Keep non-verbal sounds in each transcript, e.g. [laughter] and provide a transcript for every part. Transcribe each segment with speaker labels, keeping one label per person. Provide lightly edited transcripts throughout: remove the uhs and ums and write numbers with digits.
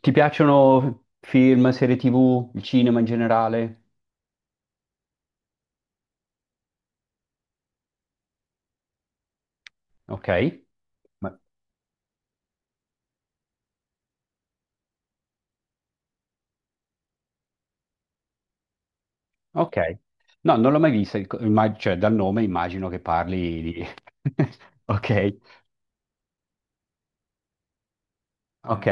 Speaker 1: Ti piacciono film, serie TV, il cinema in generale? Ok. Ma- Ok. No, non l'ho mai vista, il cioè dal nome immagino che parli di. [laughs] Ok, ok.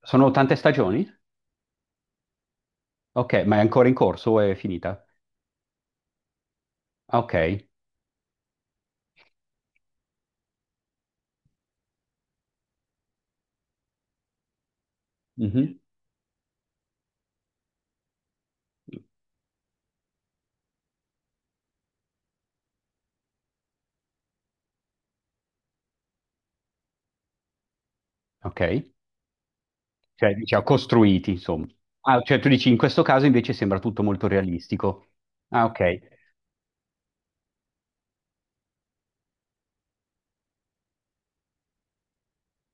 Speaker 1: Sono tante stagioni? Ok, ma è ancora in corso o è finita? Ok. Mhm. Ok. Cioè, diciamo, costruiti, insomma. Ah, cioè tu dici, in questo caso invece sembra tutto molto realistico. Ah, ok.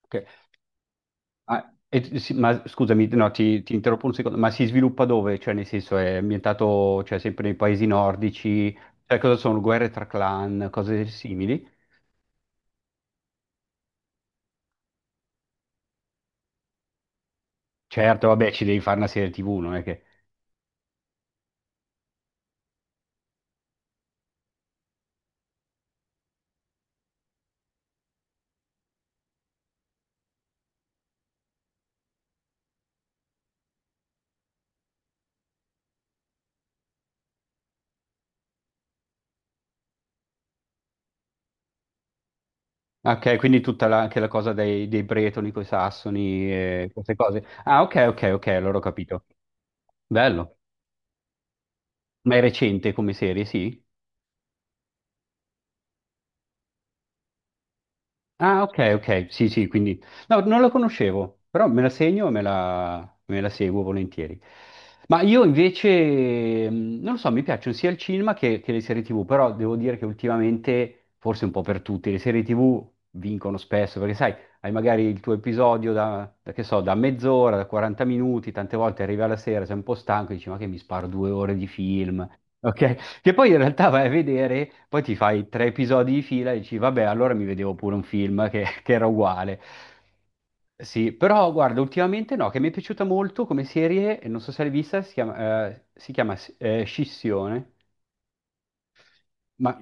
Speaker 1: Ok. Ah, sì, ma scusami, no, ti interrompo un secondo, ma si sviluppa dove? Cioè, nel senso, è ambientato, cioè, sempre nei paesi nordici? Cioè, cosa sono? Guerre tra clan, cose simili? Certo, vabbè, ci devi fare una serie TV, non è che. Ok, quindi anche la cosa dei bretoni con i sassoni e queste cose. Ah, ok, ok, ok, allora ho capito. Bello. Ma è recente come serie, sì? Ah, ok, ok, sì, sì, quindi. No, non lo conoscevo, però me la segno e me la seguo volentieri. Ma io invece, non lo so, mi piacciono sia il cinema che le serie TV, però devo dire che ultimamente, forse un po' per tutti, le serie TV vincono spesso, perché sai, hai magari il tuo episodio da, che so, da mezz'ora, da 40 minuti, tante volte arrivi alla sera, sei un po' stanco e dici, ma che mi sparo 2 ore di film, [laughs] ok? Che poi in realtà vai a vedere, poi ti fai tre episodi di fila e dici, vabbè, allora mi vedevo pure un film che, [laughs] che era uguale. Sì, però guarda, ultimamente no, che mi è piaciuta molto come serie, e non so se l'hai vista, si chiama Scissione. Ma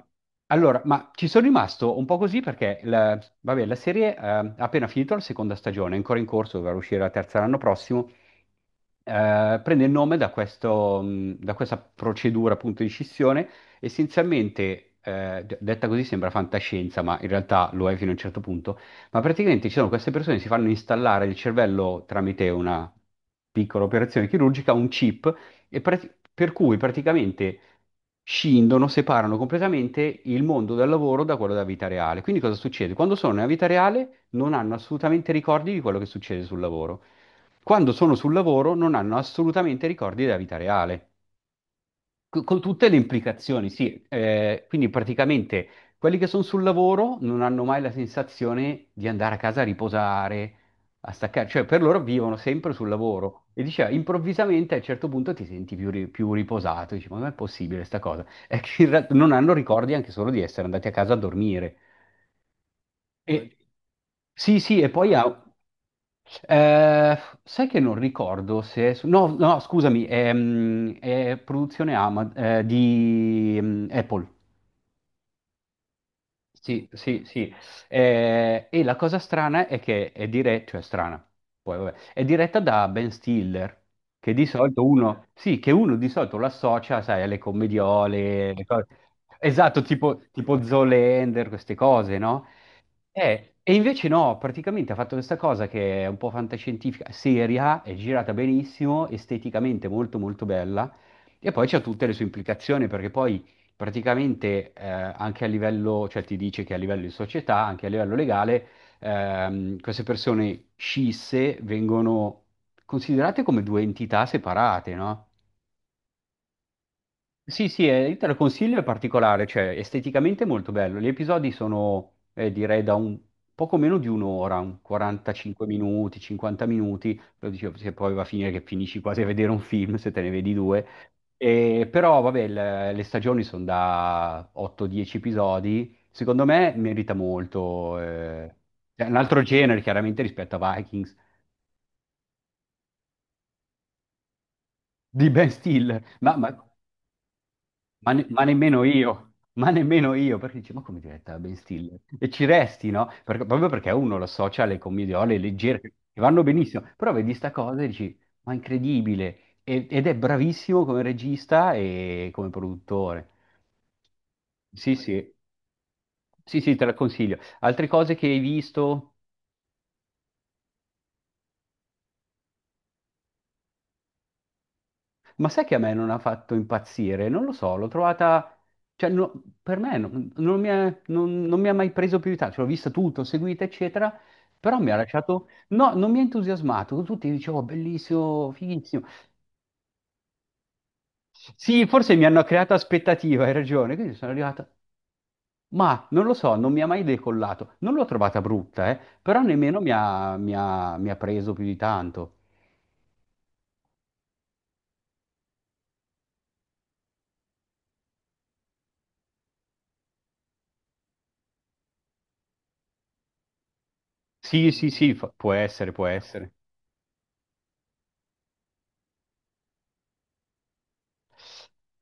Speaker 1: allora, ma ci sono rimasto un po' così perché la, vabbè, la serie ha appena finito la seconda stagione, è ancora in corso, dovrà uscire la terza l'anno prossimo. Prende il nome da, questo, da questa procedura appunto di scissione. Essenzialmente, detta così sembra fantascienza, ma in realtà lo è fino a un certo punto. Ma praticamente ci sono queste persone che si fanno installare il cervello tramite una piccola operazione chirurgica, un chip e per cui praticamente scindono, separano completamente il mondo del lavoro da quello della vita reale. Quindi cosa succede? Quando sono nella vita reale non hanno assolutamente ricordi di quello che succede sul lavoro. Quando sono sul lavoro non hanno assolutamente ricordi della vita reale. Con tutte le implicazioni, sì. Quindi praticamente quelli che sono sul lavoro non hanno mai la sensazione di andare a casa a riposare, a staccare, cioè per loro vivono sempre sul lavoro. E diceva, improvvisamente a un certo punto ti senti più riposato, dici, ma non è possibile sta cosa? [laughs] È che in realtà non hanno ricordi anche solo di essere andati a casa a dormire. E- sì, sì, e poi ha. eh, Sai che non ricordo se, no, no, scusami, è produzione di Apple. Sì, sì, sì. E la cosa strana è che è diretta, cioè strana, poi vabbè, è diretta da Ben Stiller, che di solito uno, sì, che uno di solito lo associa, sai, alle commediole, esatto, tipo Zoolander, queste cose, no? E invece no, praticamente ha fatto questa cosa che è un po' fantascientifica, seria, è girata benissimo, esteticamente molto molto bella, e poi c'ha tutte le sue implicazioni, perché poi praticamente anche a livello, cioè ti dice che a livello di società, anche a livello legale, queste persone scisse vengono considerate come due entità separate, no? Sì, sì, io te lo consiglio, è particolare, cioè esteticamente è molto bello. Gli episodi sono, direi, da un poco meno di un'ora, un 45 minuti, 50 minuti, lo dicevo, se poi va a finire che finisci quasi a vedere un film, se te ne vedi due. E, però, vabbè, le stagioni sono da 8-10 episodi, secondo me merita molto. È un altro genere, chiaramente, rispetto a Vikings, di Ben Stiller, ma, ma nemmeno io, perché dici, ma come diretta Ben Stiller? E ci resti, no? Proprio perché uno lo associa alle commediole leggere, che vanno benissimo, però vedi sta cosa e dici, ma incredibile, ed è bravissimo come regista e come produttore. Sì, sì, sì, sì, te la consiglio. Altre cose che hai visto? Ma sai che a me non ha fatto impazzire? Non lo so, l'ho trovata, cioè per me non mi ha mai preso più di tanto, cioè, l'ho vista tutto, seguita, eccetera, però mi ha lasciato, no, non mi ha entusiasmato, tutti dicevo bellissimo, fighissimo. Sì, forse mi hanno creato aspettativa, hai ragione, quindi sono arrivata, ma non lo so, non mi ha mai decollato, non l'ho trovata brutta, però nemmeno mi ha preso più di tanto. Sì, sì, sì, può essere, può essere.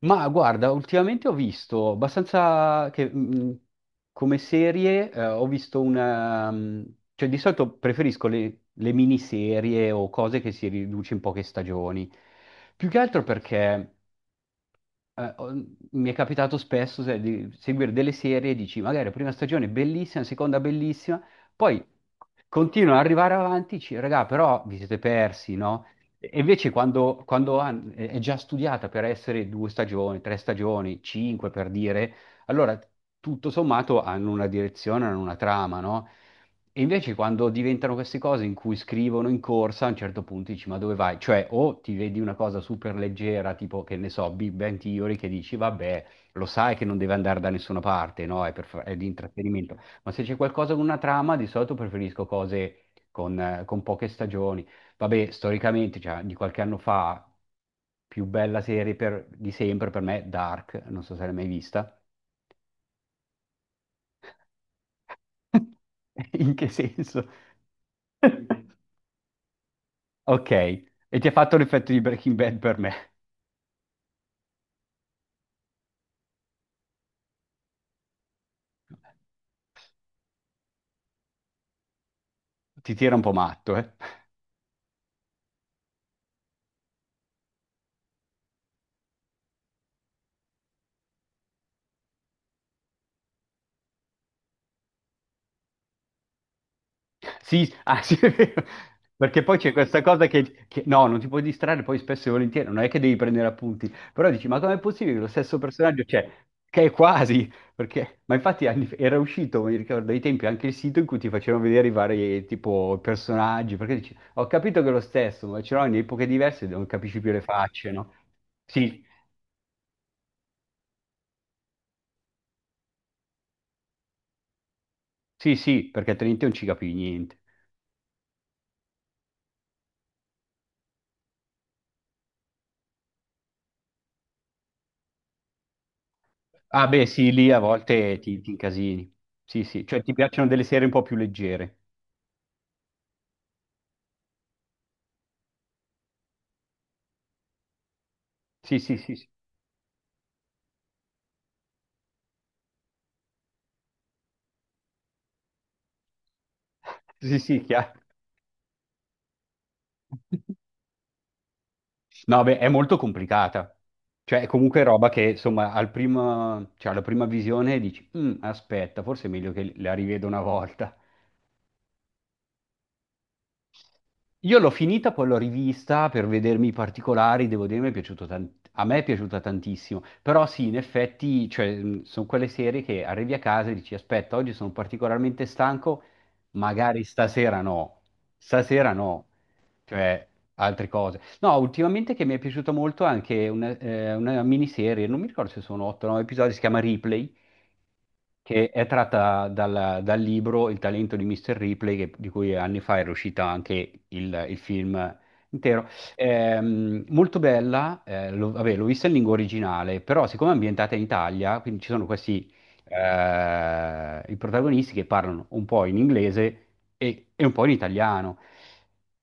Speaker 1: Ma guarda, ultimamente ho visto abbastanza che, come serie, ho visto una, cioè di solito preferisco le miniserie o cose che si riduce in poche stagioni. Più che altro perché eh, ho- mi è capitato spesso di seguire delle serie e dici, magari la prima stagione è bellissima, la seconda bellissima, poi continuano ad arrivare avanti, dici, raga, però vi siete persi, no? E invece quando, quando è già studiata per essere due stagioni, tre stagioni, cinque per dire, allora, tutto sommato hanno una direzione, hanno una trama, no? E invece quando diventano queste cose in cui scrivono in corsa, a un certo punto dici, ma dove vai? Cioè, o ti vedi una cosa super leggera, tipo, che ne so, Big Bang Theory, che dici, vabbè, lo sai che non deve andare da nessuna parte, no? È di intrattenimento. Ma se c'è qualcosa con una trama, di solito preferisco cose con poche stagioni. Vabbè, storicamente, cioè, di qualche anno fa, più bella serie di sempre per me, Dark, non so se l'hai mai vista. [laughs] In che senso? [laughs] Ok, e ti ha fatto l'effetto di Breaking Bad per me. Ti tira un po' matto, eh? Sì, ah, sì, [laughs] è vero. Perché poi c'è questa cosa no, non ti puoi distrarre poi spesso e volentieri, non è che devi prendere appunti, però dici, ma com'è possibile che lo stesso personaggio c'è? Che è quasi, perché, ma infatti era uscito, mi ricordo, ai tempi anche il sito in cui ti facevano vedere i vari tipo personaggi, perché dici, ho capito che è lo stesso, ma ce l'ho in epoche diverse, non capisci più le facce, no? Sì, sì, sì, perché Trinity non ci capivi niente. Ah, beh, sì, lì a volte ti incasini. Sì, sì, cioè ti piacciono delle serie un po' più leggere. Sì, sì, sì, sì, [laughs] sì, sì, chiaro. [laughs] No, beh, è molto complicata. Cioè, è comunque roba che, insomma, al primo, cioè, alla prima visione dici, "Mm, aspetta, forse è meglio che la rivedo una volta. Io l'ho finita, poi l'ho rivista per vedermi i particolari, devo dire, mi è piaciuto tan- a me è piaciuta tantissimo, però sì, in effetti, cioè, sono quelle serie che arrivi a casa e dici, aspetta, oggi sono particolarmente stanco, magari stasera no, cioè altre cose. No, ultimamente che mi è piaciuta molto anche una miniserie, non mi ricordo se sono 8 o 9 episodi, si chiama Ripley che è tratta dal libro Il talento di Mr. Ripley, di cui anni fa era uscita anche il film intero. Molto bella, vabbè, l'ho vista in lingua originale, però siccome è ambientata in Italia, quindi ci sono questi i protagonisti che parlano un po' in inglese e un po' in italiano.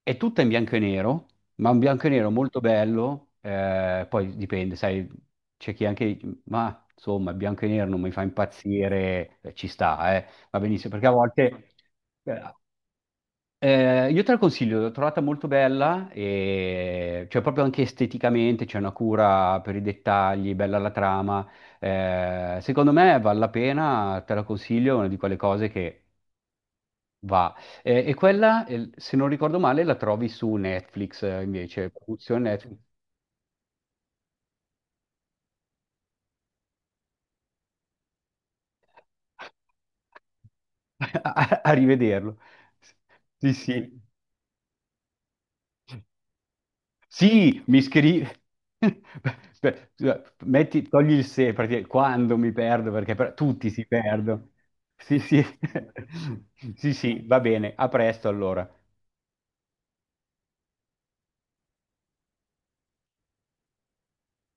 Speaker 1: È tutta in bianco e nero, ma un bianco e nero molto bello, poi dipende, sai, c'è chi anche ma insomma, il bianco e nero non mi fa impazzire, ci sta, eh. Va benissimo, perché a volte. eh, io te la consiglio, l'ho trovata molto bella, e. Cioè proprio anche esteticamente c'è una cura per i dettagli, bella la trama. Secondo me vale la pena, te la consiglio, è una di quelle cose che va. E quella, se non ricordo male, la trovi su Netflix, invece, produzione Netflix. A rivederlo. Sì, sì, sì, mi scrivi. [laughs] Beh, scusa, metti, togli il se, perché quando mi perdo, tutti si perdono. Sì, sì, [laughs] sì, sì, va bene, a presto allora.